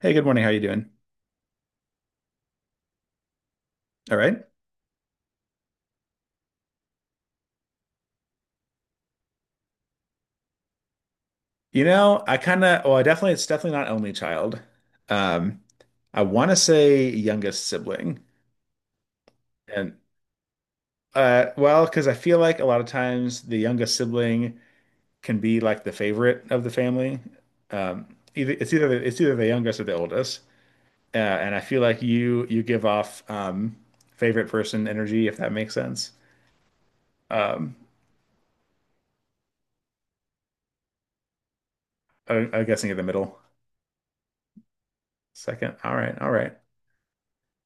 Hey, good morning. How you doing? All right. You know, I kind of, well, I definitely, it's definitely not only child. Um, I want to say youngest sibling. And, well, because I feel like a lot of times the youngest sibling can be like the favorite of the family. Um, either, it's either, the, It's either the youngest or the oldest. And I feel like you give off, favorite person energy, if that makes sense. Um, I'm guessing in the middle. Second. All right. All right.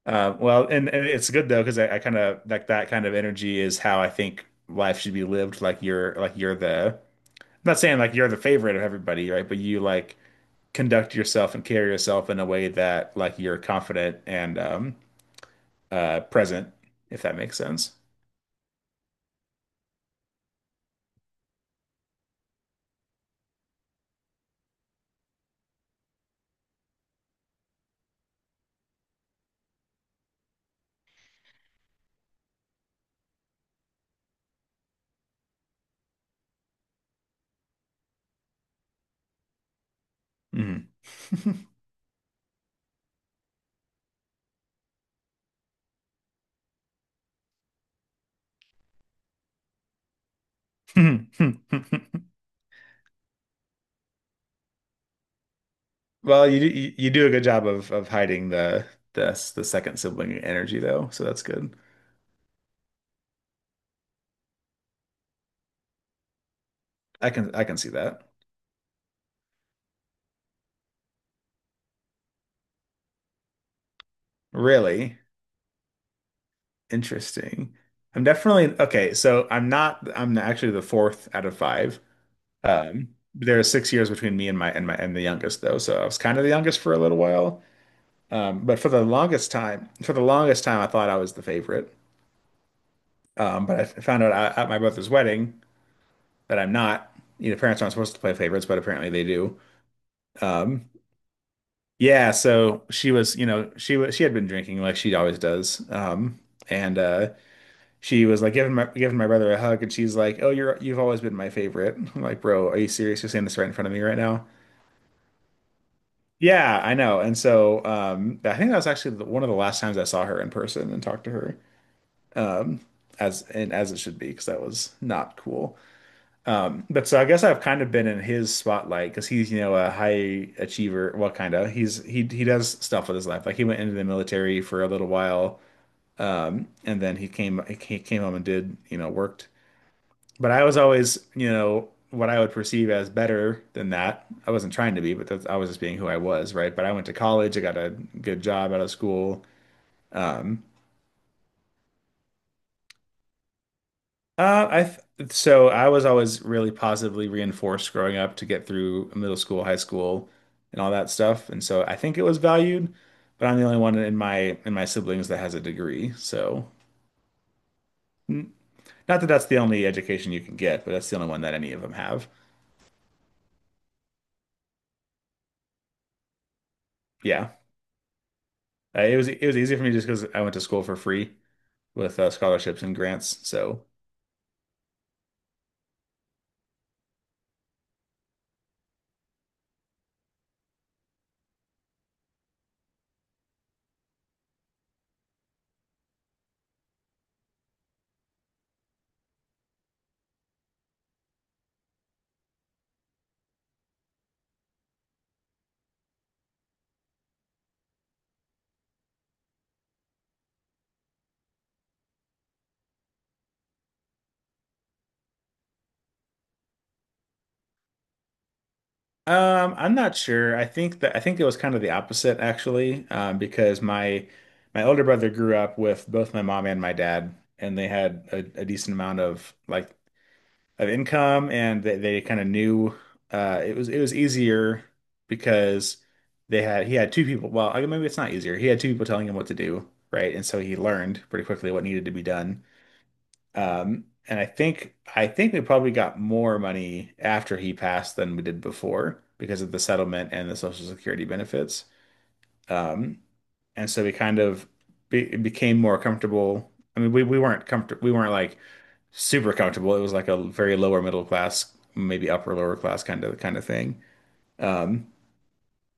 And it's good though because I kind of like that kind of energy is how I think life should be lived. Like you're the I'm not saying like you're the favorite of everybody, right? But you like conduct yourself and carry yourself in a way that like you're confident and present, if that makes sense. Mhm. Well, you do a good job of hiding the the second sibling energy though, so that's good. I can see that. Really? Interesting. I'm definitely okay. So I'm not. I'm actually the fourth out of five. There are 6 years between me and my and my and the youngest though. So I was kind of the youngest for a little while. But for the longest time, For the longest time, I thought I was the favorite. But I found out at my brother's wedding that I'm not. You know, parents aren't supposed to play favorites, but apparently they do. Um, yeah. So she was. You know, she was. She had been drinking like she always does. And She was like giving my brother a hug, and she's like, "Oh, you've always been my favorite." I'm like, bro, are you serious? You're saying this right in front of me right now? Yeah, I know. And so I think that was actually one of the last times I saw her in person and talked to her as it should be because that was not cool. But so I guess I've kind of been in his spotlight because he's you know a high achiever. Well, kind of. He he does stuff with his life. Like he went into the military for a little while, and then he came home and did you know worked. But I was always, you know, what I would perceive as better than that. I wasn't trying to be, but I was just being who I was, right? But I went to college, I got a good job out of school. Um, I th so I was always really positively reinforced growing up to get through middle school, high school, and all that stuff. And so I think it was valued, but I'm the only one in my siblings that has a degree. So n- not that that's the only education you can get, but that's the only one that any of them have. Yeah. It was it was easy for me just because I went to school for free with scholarships and grants. So I'm not sure. I think it was kind of the opposite actually, because my older brother grew up with both my mom and my dad, and they had a decent amount of income, and they kind of knew it was easier because they had he had two people. Well, I mean, maybe it's not easier. He had two people telling him what to do, right? And so he learned pretty quickly what needed to be done. And I think we probably got more money after he passed than we did before because of the settlement and the Social Security benefits. Um, and so we kind of became more comfortable. I mean, we weren't comfortable. We weren't like super comfortable. It was like a very lower middle class, maybe upper lower class kind of thing. Um,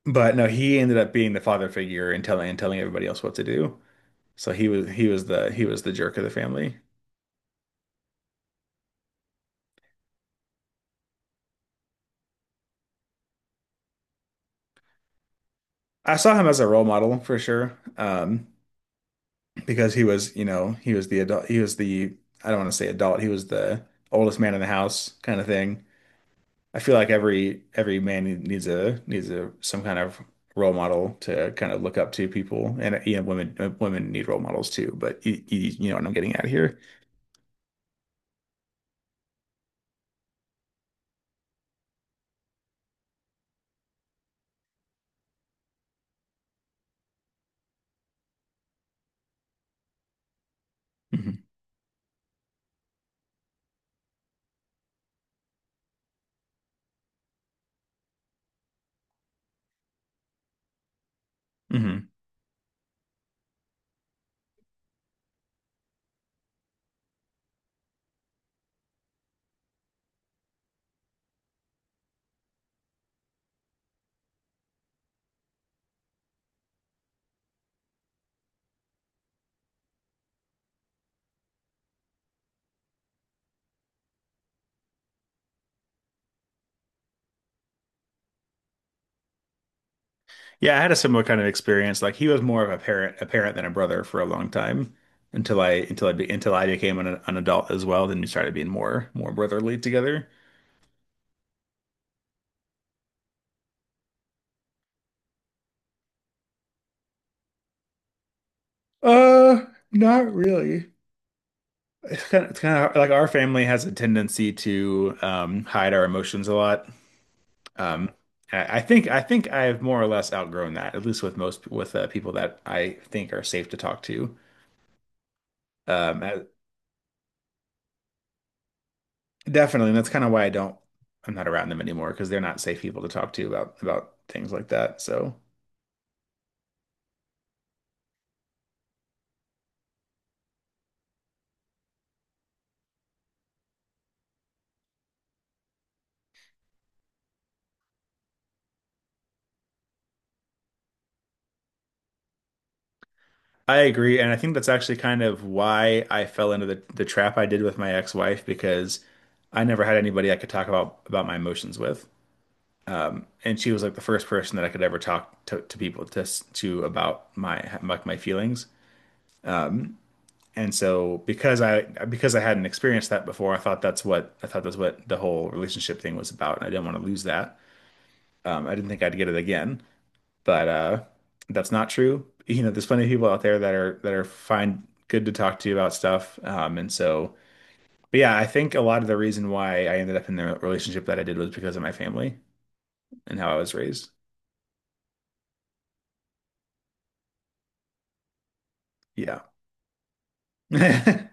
but no, he ended up being the father figure and telling everybody else what to do. So he was the jerk of the family. I saw him as a role model for sure. Because he was, you know, he was the adult, he was the, I don't want to say adult, he was the oldest man in the house kind of thing. I feel like every man needs a some kind of role model to kind of look up to people, and you know, women need role models too. But you know what I'm getting at here. Hmm. Hmm. Yeah, I had a similar kind of experience. Like he was more of a parent than a brother for a long time until until I became an adult as well. Then we started being more brotherly together. Uh, Not really. It's kind of like our family has a tendency to hide our emotions a lot. Um, I think I've more or less outgrown that, at least with most with people that I think are safe to talk to. Um, I- Definitely, and that's kind of why I'm not around them anymore because they're not safe people to talk to about things like that. So I agree, and I think that's actually kind of why I fell into the trap I did with my ex-wife because I never had anybody I could talk about my emotions with. And she was like the first person that I could ever talk to people to about my feelings. And so because I hadn't experienced that before, I thought that's what the whole relationship thing was about, and I didn't want to lose that. I didn't think I'd get it again, but that's not true. You know, there's plenty of people out there that are fine, good to talk to you about stuff. But yeah, I think a lot of the reason why I ended up in the relationship that I did was because of my family and how I was raised. Yeah, yeah,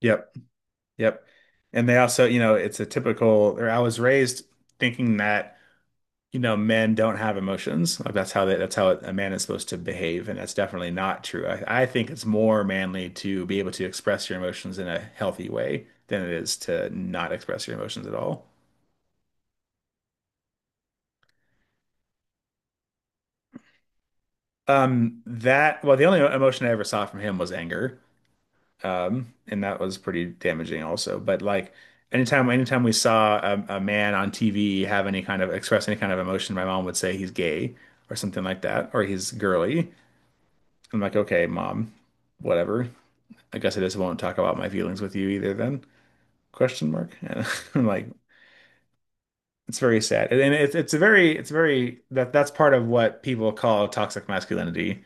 yep. Yep. And they also, you know, it's a typical, or I was raised thinking that, you know, men don't have emotions. Like that's how a man is supposed to behave. And that's definitely not true. I think it's more manly to be able to express your emotions in a healthy way than it is to not express your emotions at all. That, well, the only emotion I ever saw from him was anger. And that was pretty damaging also. But like anytime we saw a man on TV have any kind of express any kind of emotion, my mom would say he's gay or something like that, or he's girly. I'm like, okay, mom, whatever. I guess I just won't talk about my feelings with you either then? Question mark. And I'm like, it's very sad. And it's a very it's very that that's part of what people call toxic masculinity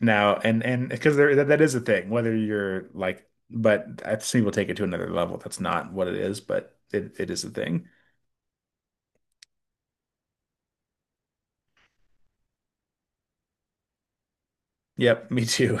now, and because that is a thing, whether you're like, but I've seen people take it to another level. That's not what it is, but it is a thing. Yep, me too.